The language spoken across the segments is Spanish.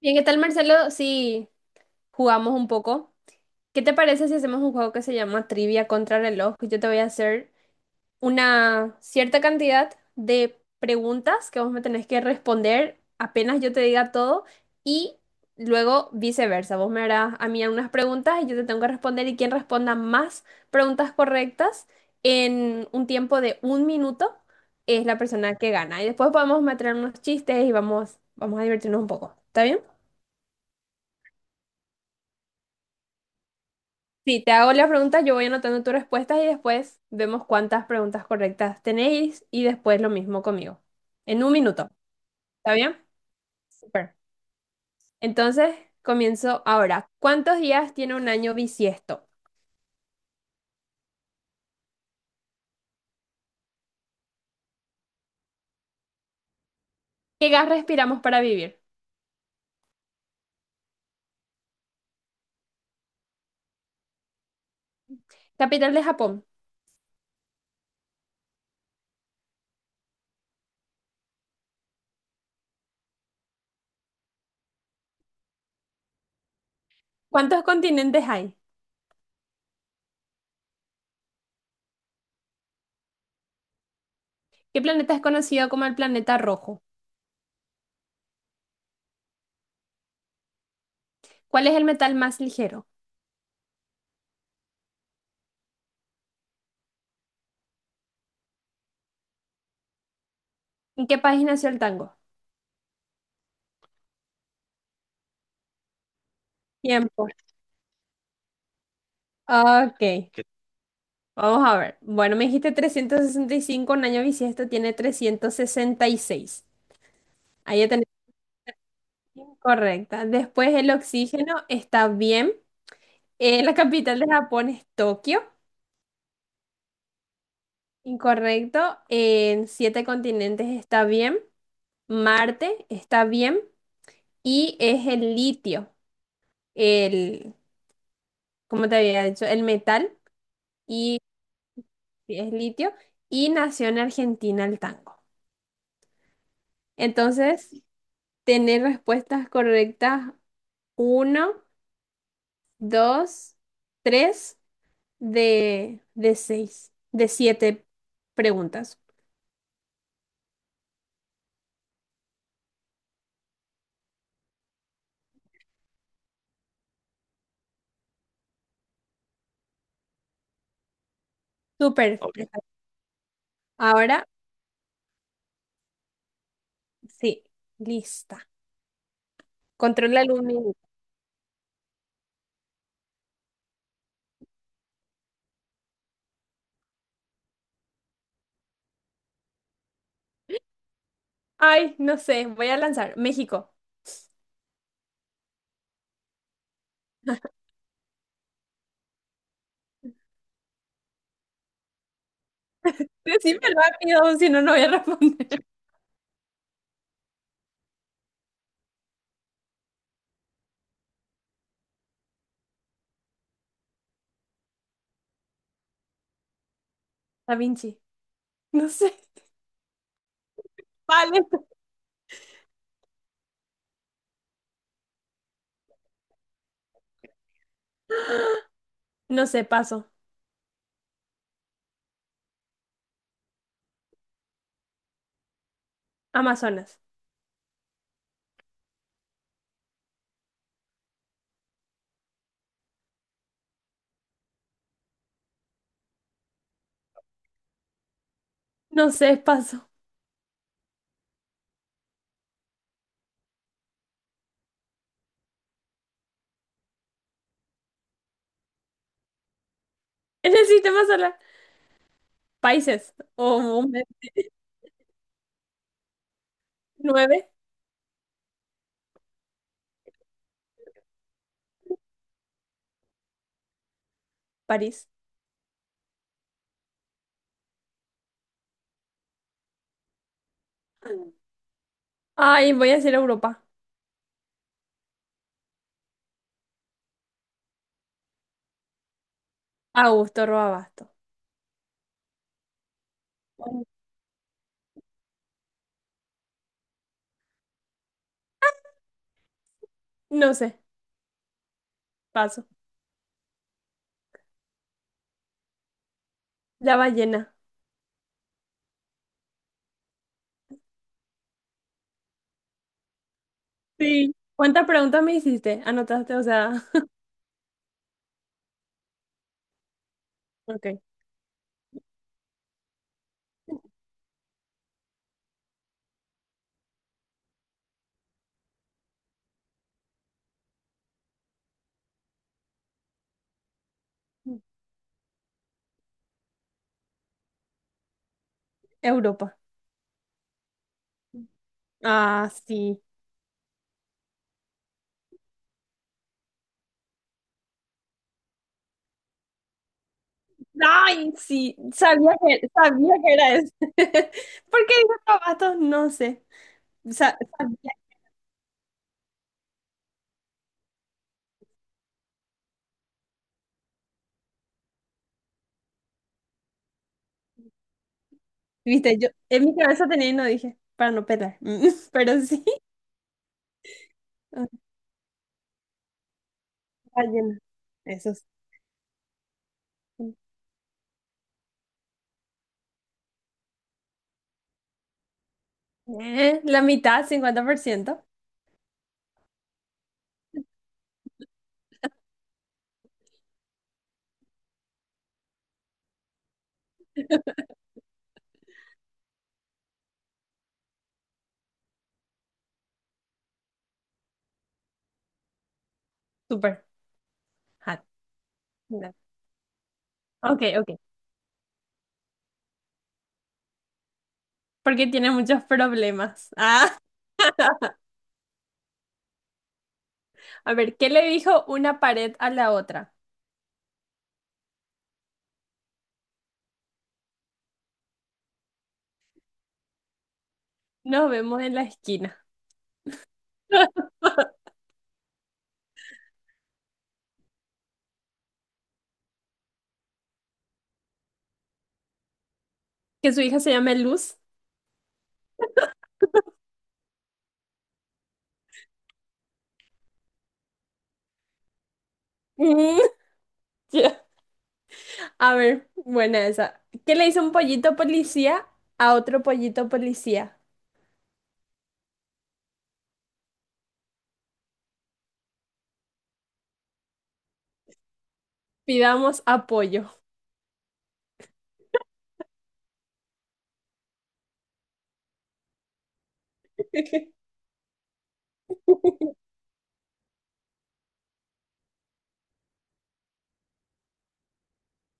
Bien, ¿qué tal, Marcelo? Si jugamos un poco. ¿Qué te parece si hacemos un juego que se llama Trivia contra reloj? Yo te voy a hacer una cierta cantidad de preguntas que vos me tenés que responder apenas yo te diga todo y luego viceversa. Vos me harás a mí unas preguntas y yo te tengo que responder y quien responda más preguntas correctas en un tiempo de un minuto es la persona que gana. Y después podemos meter unos chistes y vamos a divertirnos un poco. ¿Está bien? Si te hago las preguntas, yo voy anotando tus respuestas y después vemos cuántas preguntas correctas tenéis y después lo mismo conmigo. En un minuto, ¿está bien? Super. Entonces, comienzo ahora. ¿Cuántos días tiene un año bisiesto? ¿Qué gas respiramos para vivir? Capital de Japón. ¿Cuántos continentes hay? ¿Qué planeta es conocido como el planeta rojo? ¿Cuál es el metal más ligero? ¿En qué país nació el tango? Tiempo. Ok. Vamos a ver. Bueno, me dijiste trescientos sesenta y cinco, un año bisiesto tiene trescientos sesenta y seis. Ahí ya tenés incorrecta. Después el oxígeno está bien. La capital de Japón es Tokio, incorrecto. En siete continentes está bien. Marte está bien. Y es el litio, el, ¿cómo te había dicho? El metal, y sí, es litio. Y nació en Argentina el tango. Entonces, tener respuestas correctas. Uno, dos, tres de seis, de siete preguntas. Súper. Ok. Ahora sí, lista. Controla el un minuto. Ay, no sé, voy a lanzar. México. Decime rápido, si no, no voy a responder. Da Vinci. No sé. Vale. No sé, paso. Amazonas. No sé, paso. En el sistema solar. Países. O nueve. París. Ay, voy a decir Europa. Augusto Roabasto. No sé, paso. La ballena. Sí. ¿Cuántas preguntas me hiciste? ¿Anotaste? O sea, ok. Europa. Ah, sí. Ay, sí, sabía que era eso. ¿Por qué dijo Tabasco? No sé. Sabía. Viste, yo en mi cabeza tenía y no dije, para no pelar. Pero sí, ballena. Eso sí. La mitad, 50%. Súper. Ja, no. Ok, ok. Porque tiene muchos problemas. Ah, a ver, ¿qué le dijo una pared a la otra? Nos vemos en la esquina. Que su hija se llame Luz. Mm, ya. A ver, buena esa. ¿Qué le hizo un pollito policía a otro pollito policía? Pidamos apoyo.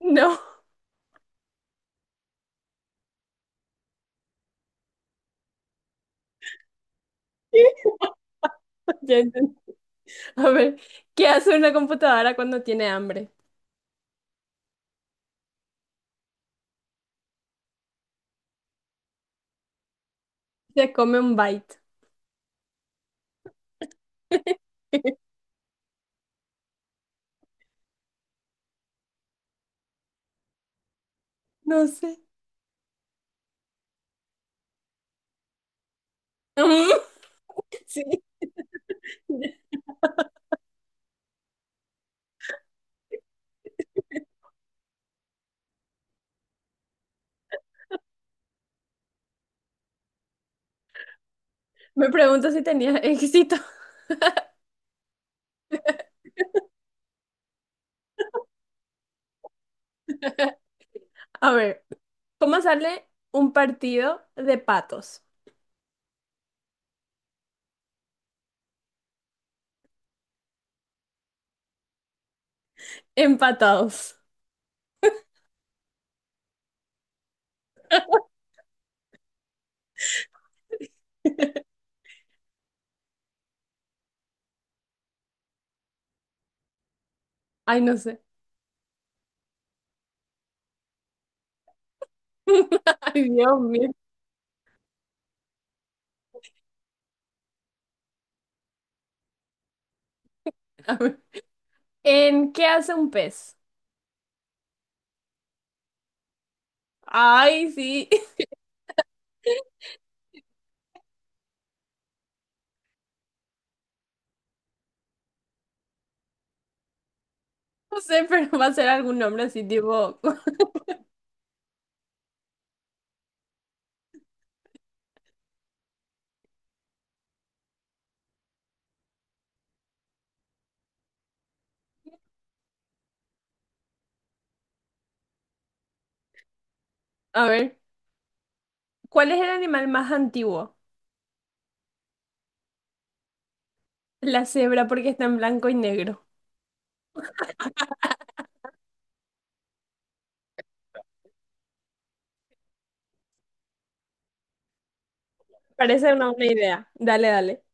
No. Ya entendí. A ver, ¿qué hace una computadora cuando tiene hambre? Se come un byte. No sé. Mm, sí, me pregunto si tenía éxito. A ver, ¿cómo sale un partido de patos? Empatados. Ay, no sé. Ay, Dios mío. A ver. ¿En qué hace un pez? Ay, sí. No sé, pero va a ser algún nombre así, tipo. A ver, ¿cuál es el animal más antiguo? La cebra, porque está en blanco y negro. Parece una buena idea. Dale, dale.